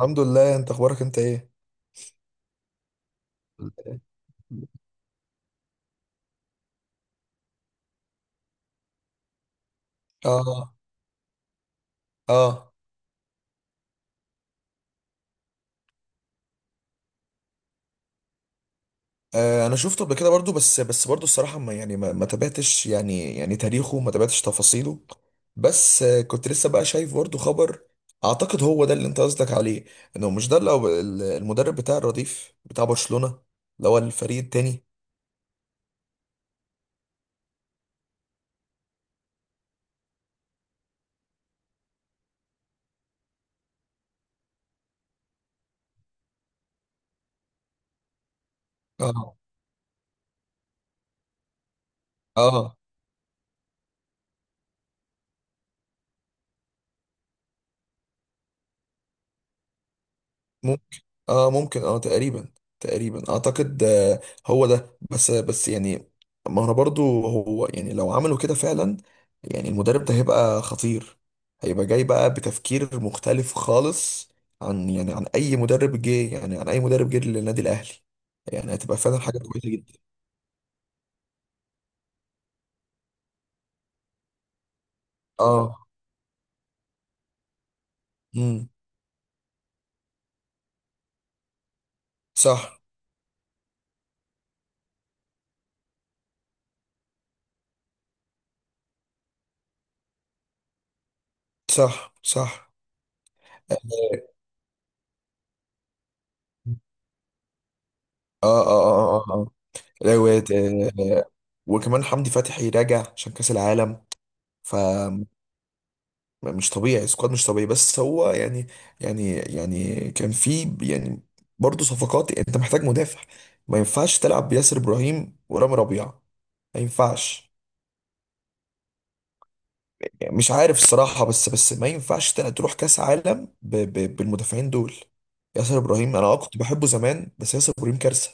الحمد لله. انت اخبارك، انت ايه؟ اه. اه. آه، انا شفته قبل كده برضو بس برضو الصراحه ما يعني ما تابعتش يعني تاريخه، ما تابعتش تفاصيله. بس كنت لسه بقى شايف برضو خبر. اعتقد هو ده اللي انت قصدك عليه. انه مش ده اللي هو المدرب بتاع الرديف بتاع برشلونه، اللي هو الفريق التاني. اه. اه ممكن. اه ممكن، اه تقريبا. تقريبا اعتقد، آه. هو ده. بس يعني، ما انا برضو هو، يعني لو عملوا كده فعلا، يعني المدرب ده هيبقى خطير. هيبقى جاي بقى بتفكير مختلف خالص عن، يعني عن اي مدرب جه، يعني عن اي مدرب جه للنادي الاهلي. يعني هتبقى فعلا حاجة كويسة جدا. اه. امم صح. صح. صح. اه. اه. اه. اه. اه. لو- آه، آه، آه. وكمان حمدي فتحي راجع عشان كأس العالم. ف مش طبيعي، سكواد مش طبيعي. بس هو يعني، يعني يعني كان في، يعني برضه صفقات. يعني انت محتاج مدافع، ما ينفعش تلعب بياسر ابراهيم ورامي ربيعه، ما ينفعش. يعني مش عارف الصراحه. بس ما ينفعش تروح كاس عالم ب ب بالمدافعين دول. ياسر ابراهيم انا كنت بحبه زمان، بس ياسر ابراهيم كارثه.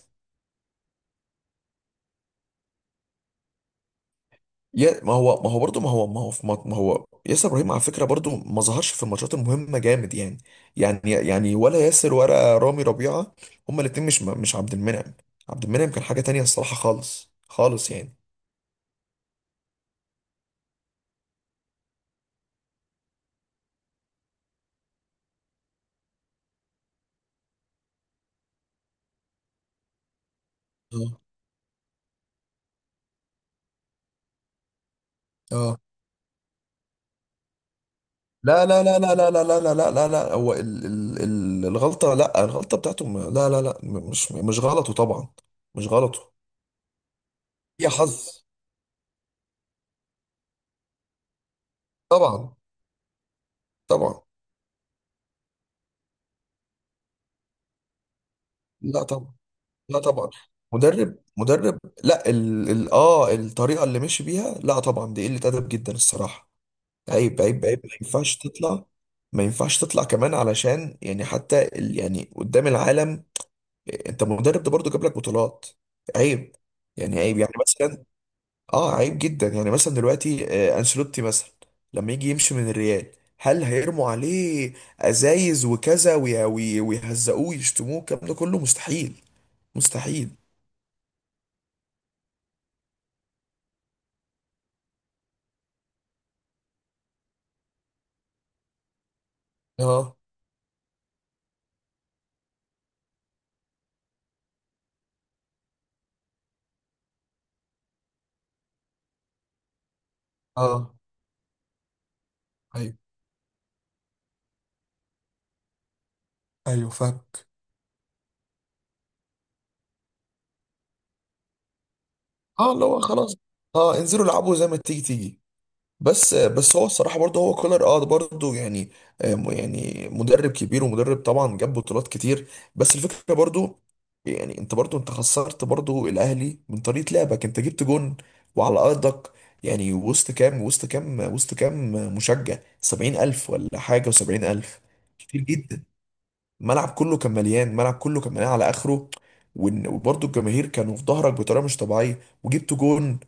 يا ما هو برضه ما هو في ما هو ياسر ابراهيم على فكره برضه ما ظهرش في الماتشات المهمه جامد يعني يعني ولا ياسر ولا رامي ربيعه، هما الاثنين مش عبد المنعم. عبد المنعم كان حاجه تانية الصراحه، خالص خالص يعني. اه. اه. لا لا لا لا لا لا لا لا لا لا لا، هو ال ال ال الغلطه. لا، الغلطه بتاعته لا لا لا، مش غلطه طبعا. مش غلطه، هي حظ. طبعا. طبعا. لا طبعا. لا طبعا. مدرب مدرب. لا، ال... ال... اه الطريقه اللي مشي بيها، لا طبعا، دي قله ادب جدا الصراحه. صح. عيب عيب عيب، ما ينفعش تطلع. ما ينفعش تطلع كمان، علشان يعني حتى يعني قدام العالم. انت مدرب ده برضه جاب لك بطولات. عيب. يعني عيب، يعني مثلا، اه عيب جدا. يعني مثلا دلوقتي انشيلوتي مثلا لما يجي يمشي من الريال، هل هيرموا عليه ازايز وكذا، ويهزقوه ويشتموه؟ الكلام ده كله مستحيل. مستحيل. اه. اه. ايوه. ايوه فاهمك. اه، اللي هو خلاص. اه، انزلوا العبوا زي ما تيجي تيجي. بس هو الصراحه برضه هو كولر، برضه يعني، يعني مدرب كبير ومدرب طبعا جاب بطولات كتير. بس الفكره برضه، يعني انت برضه، انت خسرت برضه الاهلي من طريقه لعبك. انت جبت جون وعلى ارضك، يعني وسط كام، مشجع؟ 70000 ولا حاجه، و70000، كتير جدا. الملعب كله كان مليان، الملعب كله كان مليان على اخره. وبرضه الجماهير كانوا في ظهرك بطريقه مش طبيعيه وجبت جون.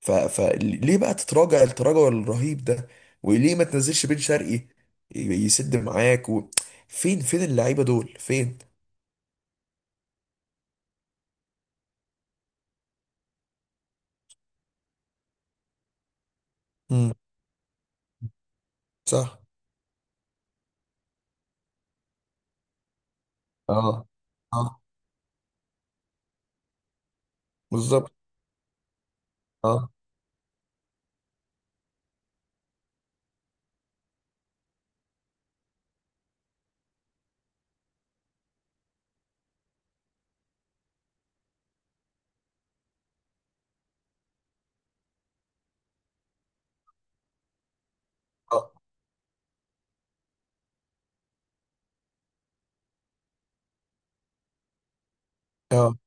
فليه بقى تتراجع التراجع الرهيب ده؟ وليه ما تنزلش بن شرقي يسد معاك فين، فين اللعيبه دول، فين؟ امم صح. اه. اه بالظبط. اه. اه. اه.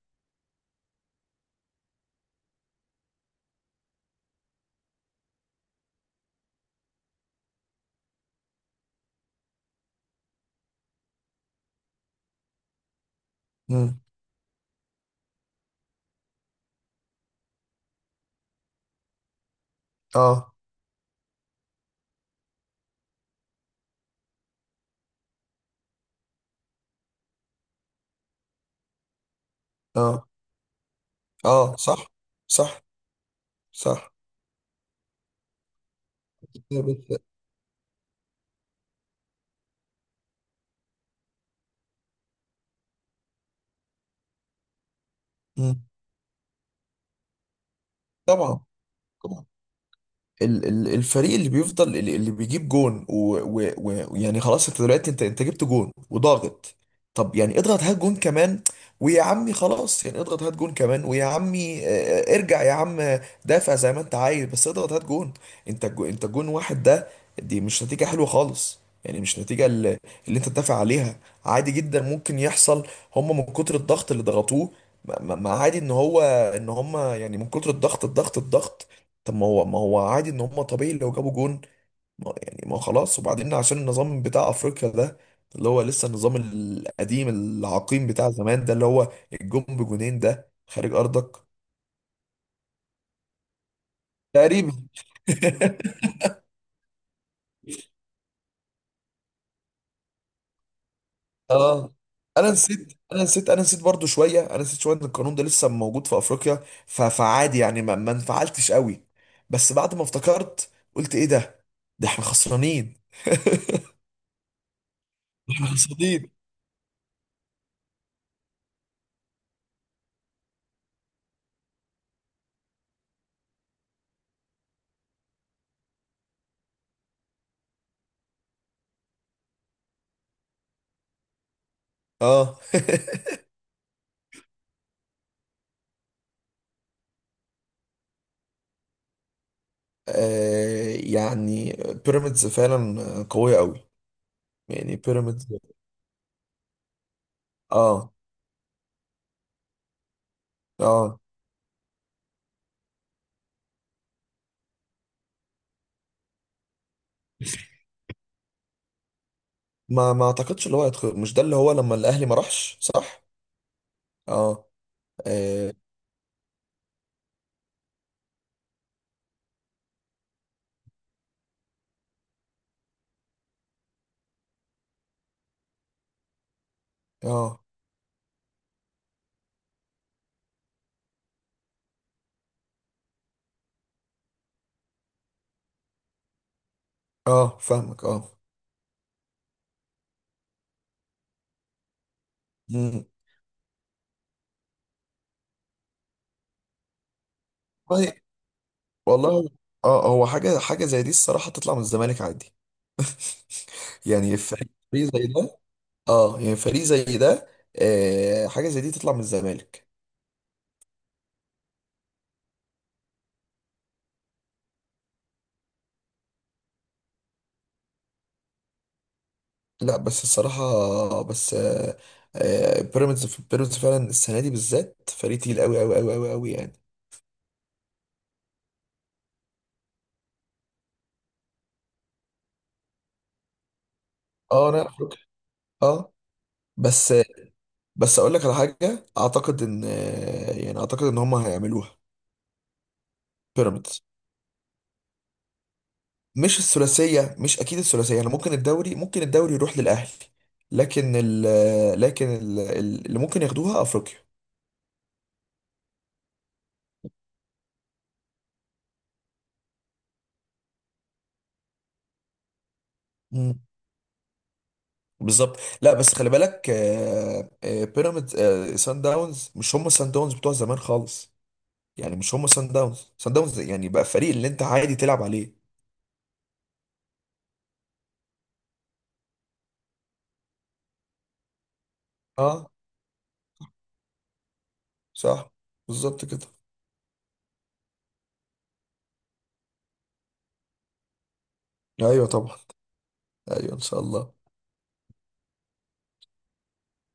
مم. اه. اه. اه. صح. صح. صح. بس- مم. طبعا. الفريق اللي بيفضل، اللي بيجيب جون ويعني يعني خلاص، انت دلوقتي انت جبت جون وضاغط. طب يعني اضغط هات جون كمان، ويا عمي خلاص. يعني اضغط هات جون كمان، ويا عمي ارجع يا عم. دافع زي ما انت عايز، بس اضغط هات جون. انت انت جون واحد ده، دي مش نتيجة حلوة خالص. يعني مش نتيجة اللي انت تدافع عليها. عادي جدا ممكن يحصل، هم من كتر الضغط اللي ضغطوه. ما عادي ان هو، ان هم يعني من كتر الضغط، الضغط الضغط. طب ما هو عادي ان هم، طبيعي لو جابوا جون. ما يعني، ما هو خلاص. وبعدين عشان النظام بتاع افريقيا ده، اللي هو لسه النظام القديم العقيم بتاع زمان ده، اللي هو الجون بجونين ده خارج ارضك. تقريبا. اه. انا نسيت برضو شويه، انا نسيت شويه ان القانون ده لسه موجود في افريقيا. فعادي يعني، ما انفعلتش قوي. بس بعد ما افتكرت قلت ايه ده؟ ده احنا خسرانين. احنا خسرانين. اه. يعني بيراميدز فعلا قوية قوي. يعني بيراميدز. اه. اه. ما اعتقدش، اللي هو هيدخل، مش ده اللي هو لما الاهلي ما راحش، صح؟ اه. اه. اه، آه فاهمك. اه. مم. والله. والله. اه، هو حاجة زي دي الصراحة تطلع من الزمالك عادي. يعني فريق زي ده. اه، يعني فريق زي ده. حاجة زي دي تطلع من الزمالك. لا بس الصراحة، بس بيراميدز فعلا السنة دي بالذات فريق تقيل قوي قوي قوي قوي قوي يعني. اه انا افريقيا. اه، بس بس اقول لك على حاجة. اعتقد ان، يعني اعتقد ان هم هيعملوها بيراميدز. مش الثلاثية، مش اكيد الثلاثية. يعني ممكن الدوري، ممكن الدوري يروح للاهلي، لكن ال آه، لكن ال- ال- اللي ممكن ياخدوها افريقيا. مم. بالظبط. لا بس خلي بالك، بيراميدز، سان داونز مش هم سان داونز بتوع زمان خالص. يعني مش هم سان داونز، سان داونز يعني بقى فريق اللي انت عادي تلعب عليه. اه صح. بالظبط كده. ايوه طبعا. ايوه ان شاء الله.